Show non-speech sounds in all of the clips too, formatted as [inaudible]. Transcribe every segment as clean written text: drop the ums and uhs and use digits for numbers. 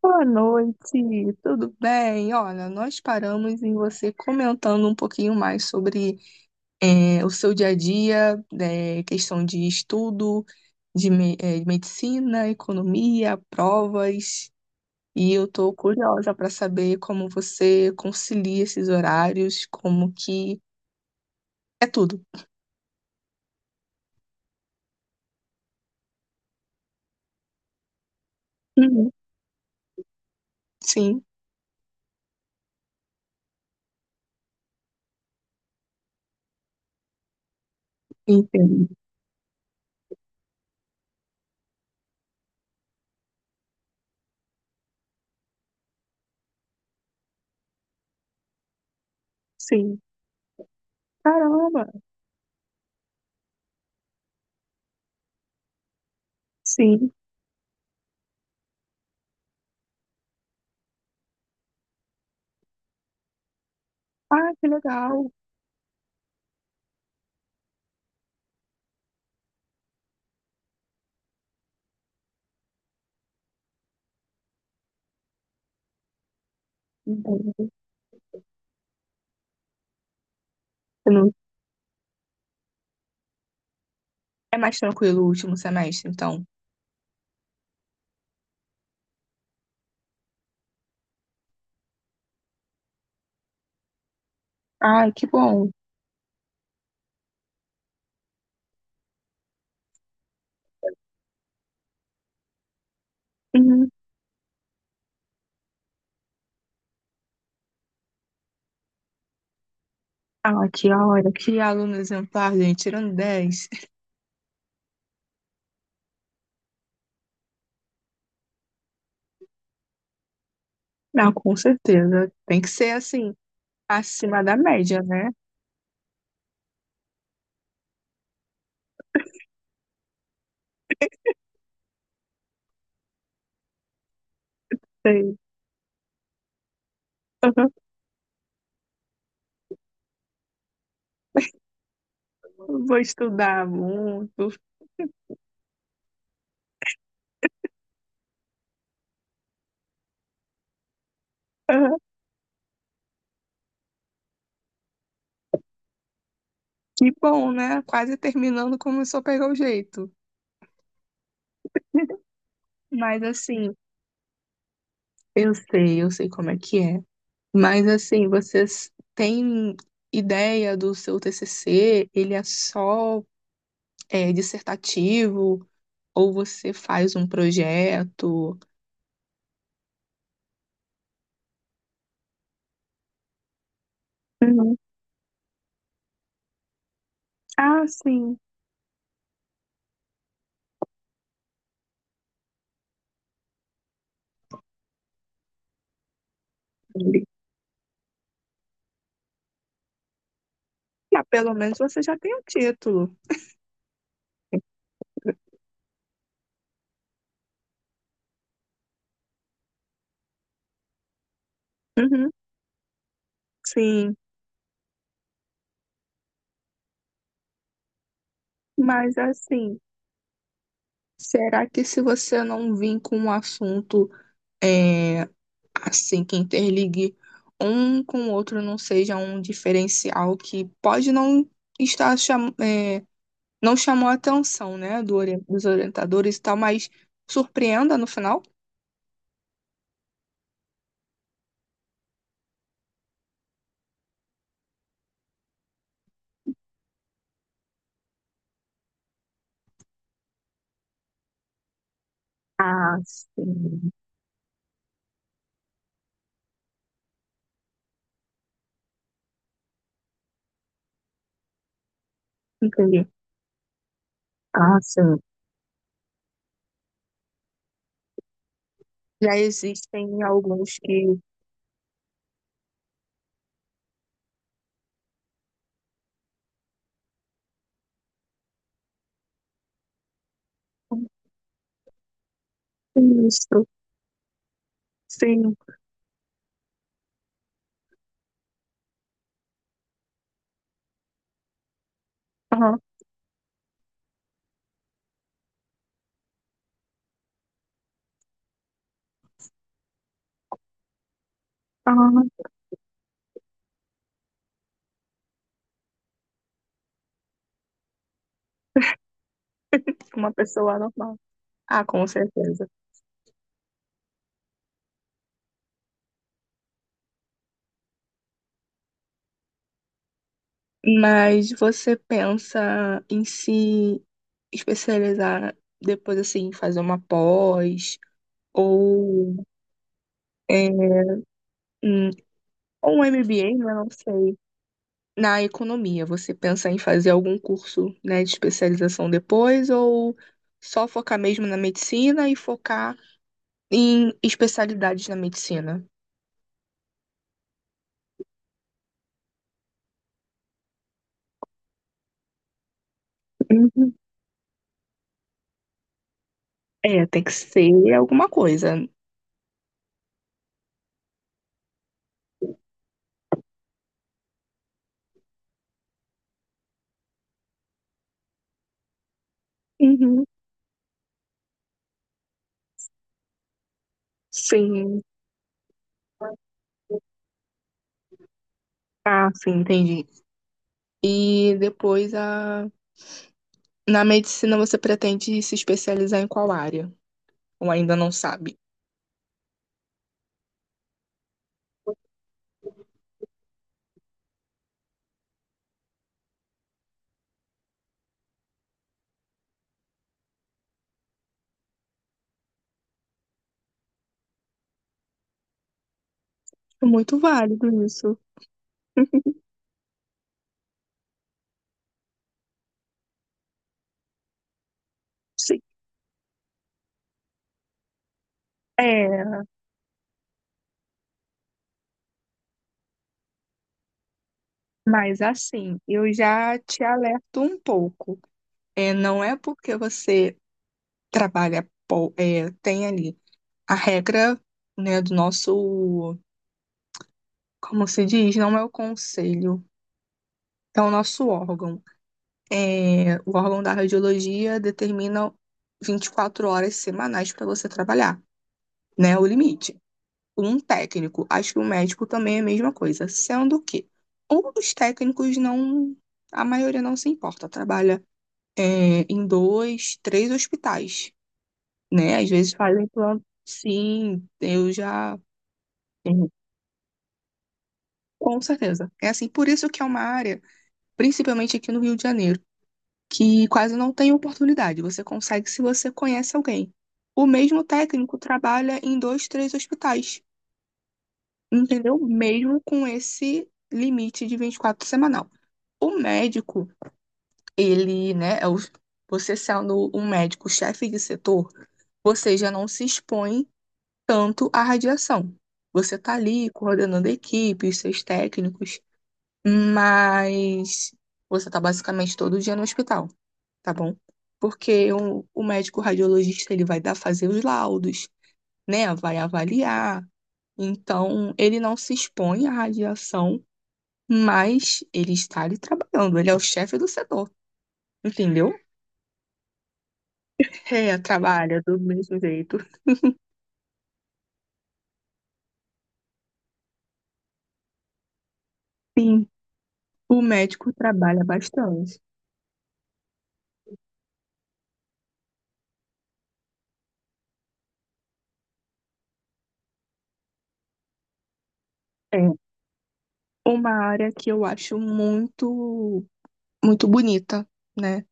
Boa noite, tudo bem? Olha, nós paramos em você comentando um pouquinho mais sobre o seu dia a dia, questão de estudo, de medicina, economia, provas. E eu estou curiosa para saber como você concilia esses horários, como que é tudo. Uhum. Sim, entendo. Sim. Caramba, sim. Ah, que legal. Entendo. Você não- É mais tranquilo o último semestre, então. Ai, que bom. Uhum. Ah, que hora, que aluno exemplar, gente, tirando dez. Não, com certeza. Tem que ser assim, acima da média, né? Sei. Uhum. Vou estudar muito. Uhum. Que bom, né? Quase terminando, começou a pegar o jeito. [laughs] Mas assim, eu sei como é que é. Mas assim, vocês têm ideia do seu TCC? Ele é só dissertativo? Ou você faz um projeto? Uhum. Ah, sim. Ah, pelo menos você já tem o título. Uhum. Sim, mas assim, será que se você não vir com um assunto é, assim que interligue um com o outro não seja um diferencial que pode não estar não chamou a atenção, né, dos orientadores e tal, mas surpreenda no final? Ah, sim. Entendi. Ah, sim. Já existem alguns que isso, sim. Aham, aham. Uma pessoa normal. Ah, com certeza. Mas você pensa em se especializar depois, assim, fazer uma pós ou, é, um- ou um MBA, né, não sei, na economia. Você pensa em fazer algum curso, né, de especialização depois ou só focar mesmo na medicina e focar em especialidades na medicina? Uhum. É, tem que ser alguma coisa. Uhum. Sim, ah, sim, entendi. E depois na medicina você pretende se especializar em qual área? Ou ainda não sabe? Muito válido isso. [laughs] Sim. É, mas assim, eu já te alerto um pouco. É, não é porque você tem ali a regra, né, do nosso, como se diz, não é o conselho, é o nosso órgão. É, o órgão da radiologia determina 24 horas semanais para você trabalhar, né? O limite. Um técnico, acho que o médico também é a mesma coisa, sendo que os técnicos não, a maioria não se importa, trabalha em dois, três hospitais, né? Às vezes fazem plano. Sim, eu já, com certeza. É assim, por isso que é uma área, principalmente aqui no Rio de Janeiro que quase não tem oportunidade. Você consegue se você conhece alguém. O mesmo técnico trabalha em dois, três hospitais, entendeu? Mesmo com esse limite de 24 semanal. O médico, ele, né, você sendo um médico chefe de setor, você já não se expõe tanto à radiação. Você está ali coordenando equipes, seus técnicos. Mas você tá basicamente todo dia no hospital, tá bom? Porque o médico radiologista, ele vai dar fazer os laudos, né? Vai avaliar. Então, ele não se expõe à radiação, mas ele está ali trabalhando. Ele é o chefe do setor, entendeu? É, trabalha do mesmo jeito. Sim, o médico trabalha bastante. É uma área que eu acho muito bonita, né?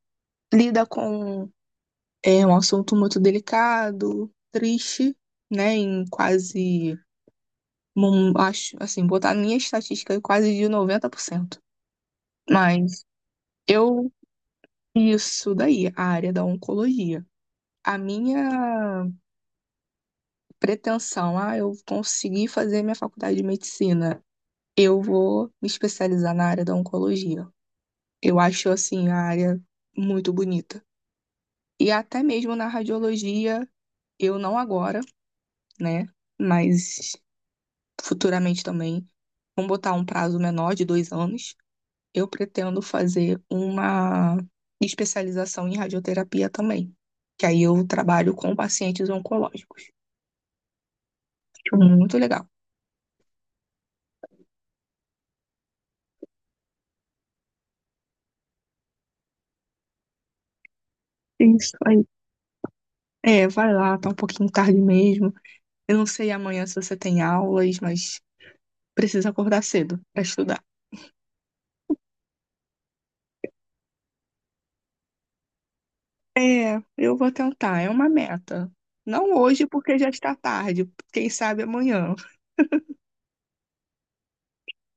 Lida com é um assunto muito delicado, triste, né? Em quase, acho, assim, botar a minha estatística é quase de 90%. Mas eu, isso daí, a área da oncologia. A minha pretensão, ah, eu consegui fazer minha faculdade de medicina, eu vou me especializar na área da oncologia. Eu acho, assim, a área muito bonita. E até mesmo na radiologia, eu não agora, né? Mas futuramente também. Vamos botar um prazo menor de 2 anos, eu pretendo fazer uma especialização em radioterapia também. Que aí eu trabalho com pacientes oncológicos. Acho muito legal. Isso aí. É, vai lá, tá um pouquinho tarde mesmo. Eu não sei amanhã se você tem aulas, mas precisa acordar cedo para estudar. É, eu vou tentar, é uma meta. Não hoje, porque já está tarde. Quem sabe amanhã.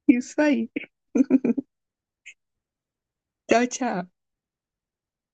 Isso aí. Tchau, tchau.